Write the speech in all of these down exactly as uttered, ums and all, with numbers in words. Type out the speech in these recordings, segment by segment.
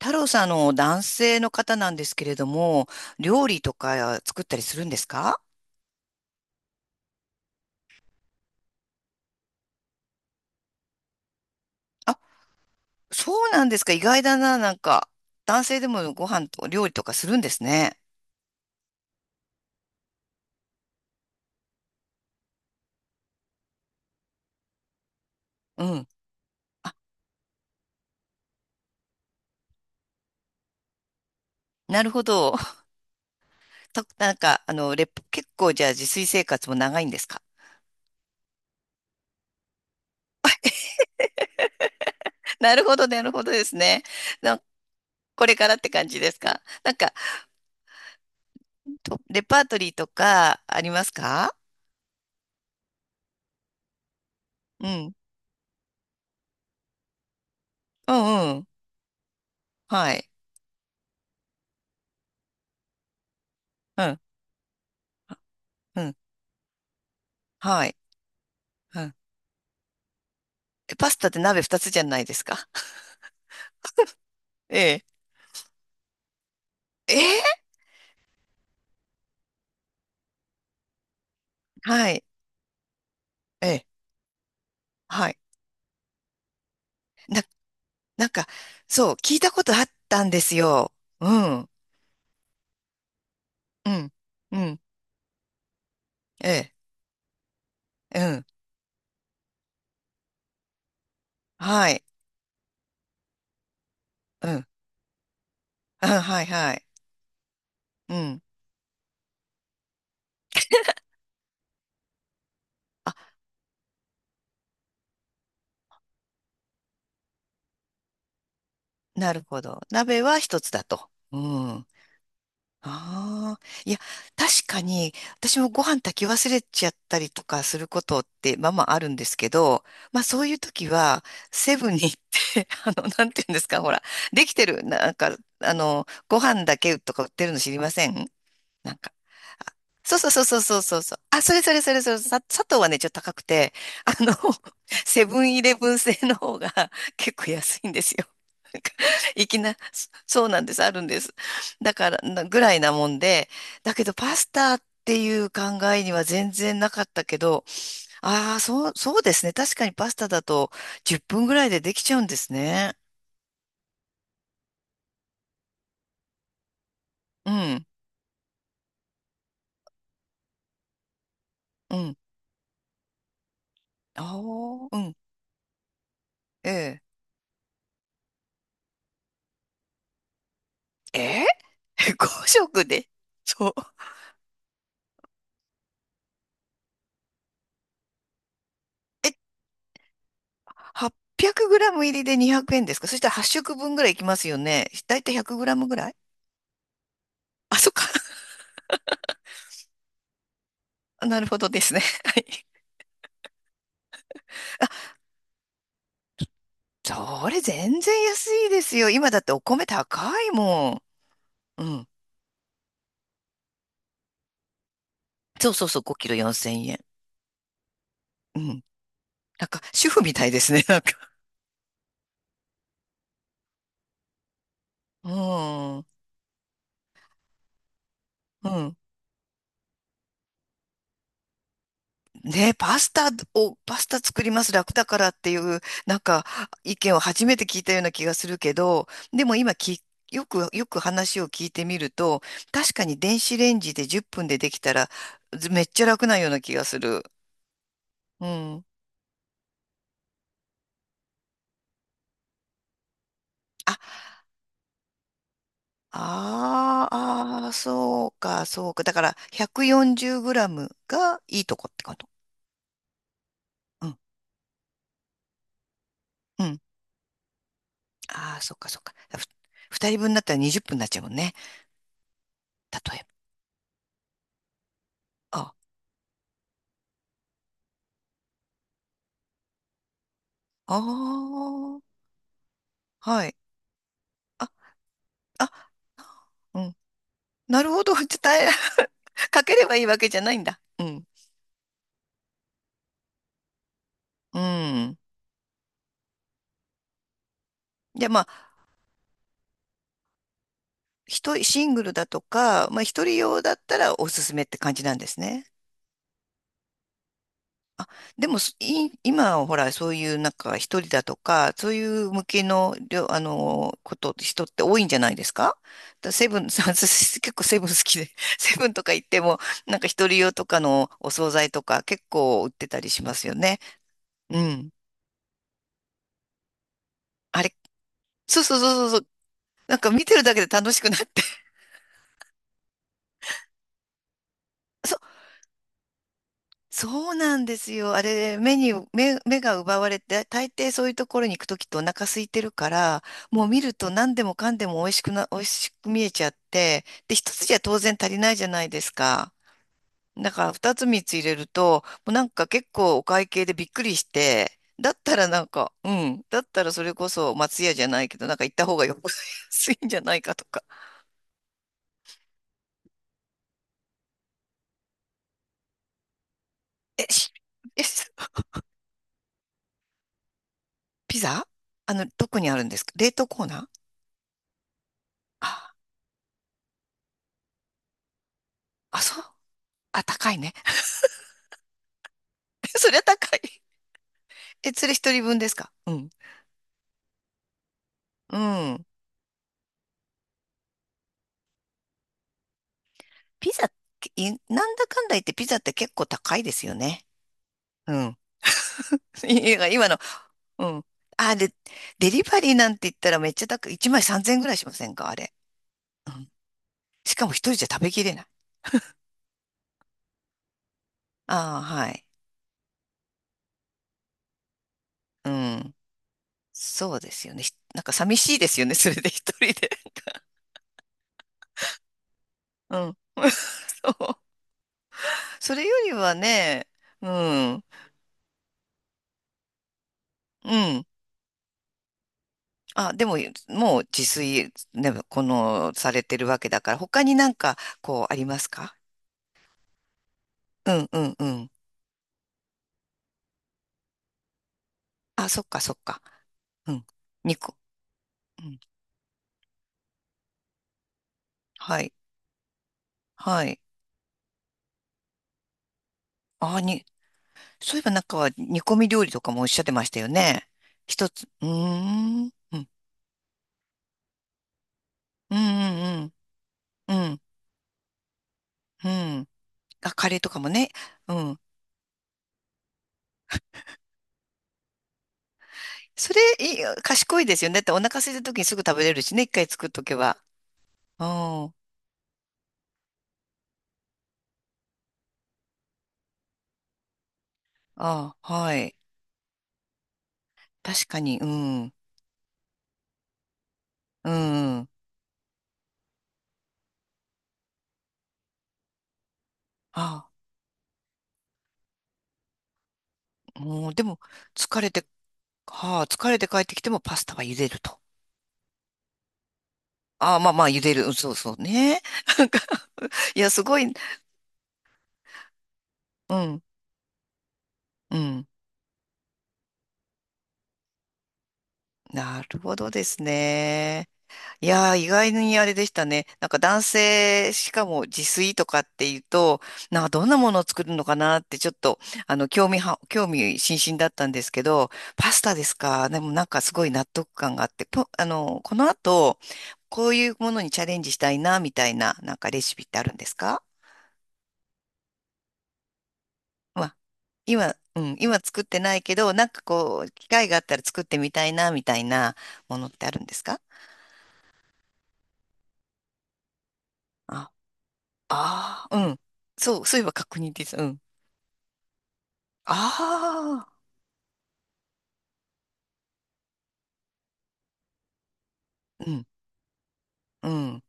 太郎さん、あの、男性の方なんですけれども、料理とか作ったりするんですか？あ、そうなんですか。意外だな、なんか。男性でもご飯と料理とかするんですね。うん。なるほど。た、なんか、あの、レポ、結構じゃあ自炊生活も長いんですか？ なるほど、なるほどですね。な、これからって感じですかなんか、とレパートリーとかありますか？うん。うんうん。はい。うん。うん。はい。うん。えパスタって鍋二つじゃないですか。えええー、はい。ええ。はい。な、なんか、そう、聞いたことあったんですよ。うん。うん。うん。ええ。うん。はい。うん。うん、はい、はい。うん。あ、なるほど。鍋は一つだと。うん。ああ、いや、確かに、私もご飯炊き忘れちゃったりとかすることって、まあまああるんですけど、まあそういう時は、セブンに行って、あの、なんていうんですか、ほら、できてる、なんか、あの、ご飯だけとか売ってるの知りません？なんかそうそうそうそうそうそうそう。あ、それそれそれそれ、さ、砂糖はね、ちょっと高くて、あの、セブンイレブン製の方が 結構安いんですよ。なんかいきな、そそうなんです、あるんです。だから、なぐらいなもんで、だけどパスタっていう考えには全然なかったけど、ああ、そう、そうですね。確かにパスタだとじゅっぷんぐらいでできちゃうんですね。うん、うん。ああ、うん、ええ。ええ ?ご 食でそう。はっぴゃくグラム入りでにひゃくえんですか？そしたらはっ食分ぐらいいきますよね。だいたいひゃくグラムぐらい。あ、そっか。なるほどですね。はい。それ全然安いですよ。今だってお米高いもん。うん。そうそうそう、ごキロよんせんえん。うん。なんか、主婦みたいですね。なんか。うん。うん。ね、パスタを、パスタ作ります楽だからっていう、なんか意見を初めて聞いたような気がするけど、でも今き、よく、よく話を聞いてみると、確かに電子レンジでじゅっぷんでできたら、ずめっちゃ楽なような気がする。うん。あ、あーあー、そうか、そうか。だから、ひゃくよんじゅうグラムがいいとこってこと。うん、うん。ああ、そっか、そっか。ふ、二人分だったらにじゅっぷんになっちゃうもんね。例えば。あ、ああ、はい。あ、あ、うん。なるほど。伝え、かければいいわけじゃないんだ。うん。うん。じゃあまあ、一人、シングルだとか、まあ一人用だったらおすすめって感じなんですね。でも、すい今ほら、そういうなんか一人だとか、そういう向けの、りょあの、こと、人って多いんじゃないですか？だセブン、私結構セブン好きで、セブンとか行っても、なんか一人用とかのお惣菜とか結構売ってたりしますよね。うん。あれ、そうそうそうそうそう、なんか見てるだけで楽しくなって。そ、そうなんですよ。あれ、目に、目、目が奪われて、大抵そういうところに行くときってお腹空いてるから、もう見ると何でもかんでも美味しくな、美味しく見えちゃって、で、一つじゃ当然足りないじゃないですか。だから二つ三つ入れると、もうなんか結構お会計でびっくりして、だったらなんか、うん、だったらそれこそ松屋じゃないけど、なんか行った方がよく 安いんじゃないかとか。え、しえ、ピザあの、どこにあるんですか冷凍コーナー？あ、あ、そう。あ、高いね。そりゃ高い。え、それ一人分ですか？うん。うん。ピザ、いなんだかんだ言ってピザって結構高いですよね。うん。いや今の、うん。あ、で、デリバリーなんて言ったらめっちゃ高い。いちまいさんぜんえんぐらいしませんか？あれ。うん。しかも一人じゃ食べきれない。ああ、はい。うん。そうですよね。ひなんか寂しいですよね。それで一人で。うん。そう。それよりはね、うん。うん。あ、でも、もう自炊、ね、この、されてるわけだから、他になんか、こう、ありますか？うんうんうん。あ、そっかそっか。うん。煮こ、うん。はい。はい。あ、に、そういえばなんか、煮込み料理とかもおっしゃってましたよね。一つ、うーん。うん。うんうんうん。うん。うん、あ、カレーとかもね。うん。それ、いい賢いですよね。だってお腹空いた時にすぐ食べれるしね。一回作っとけば。うん。あ、はい。確かに、うん。うん。ああ、もう、でも、疲れて、はあ、疲れて帰ってきてもパスタは茹でると。ああ、まあまあ、茹でる。うん、そうそうね。なんかいや、すごい、うん、うん。なるほどですね。いやー、意外にあれでしたね。なんか男性、しかも自炊とかっていうと、なんかどんなものを作るのかなってちょっと、あの、興味は、興味津々だったんですけど、パスタですか。でもなんかすごい納得感があって、ぽあの、この後、こういうものにチャレンジしたいな、みたいな、なんかレシピってあるんですか？まあ、今、うん、今作ってないけど、なんかこう、機会があったら作ってみたいな、みたいなものってあるんですか？あ、ああ、うん。そう、そういえば確認です。うん。ああ、うん、うん。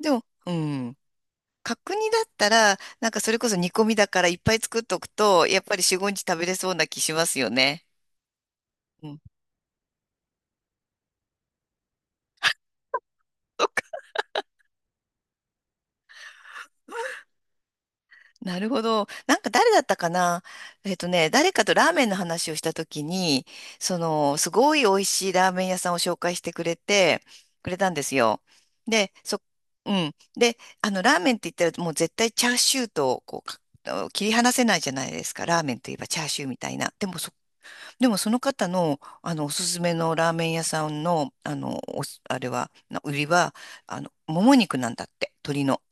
でも、うん。角煮だったら、なんかそれこそ煮込みだからいっぱい作っとくと、やっぱりよん、いつか食べれそうな気しますよね。うん。そっか。なるほど。なんか誰だったかな？えっとね、誰かとラーメンの話をしたときに、その、すごい美味しいラーメン屋さんを紹介してくれて、くれたんですよ。で、そ、うん。で、あの、ラーメンって言ったらもう絶対チャーシューと、こう、か切り離せないじゃないですか。ラーメンといえばチャーシューみたいな。でもでもその方の、あのおすすめのラーメン屋さんの、あのおすあれはな売りはあのもも肉なんだって鶏の。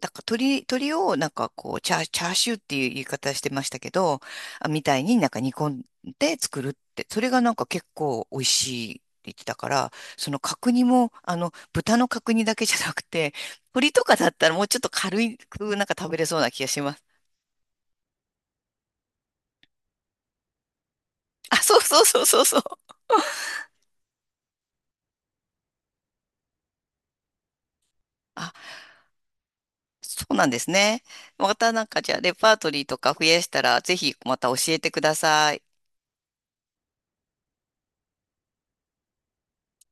だから鶏、鶏をなんかこうチャー、チャーシューっていう言い方してましたけど、あ、みたいになんか煮込んで作るってそれがなんか結構美味しいって言ってたから、その角煮もあの豚の角煮だけじゃなくて、鶏とかだったらもうちょっと軽くなんか食べれそうな気がします。あ、そうそうそうそうそう。あ、そうなんですね。またなんかじゃあレパートリーとか増やしたら、ぜひまた教えてください。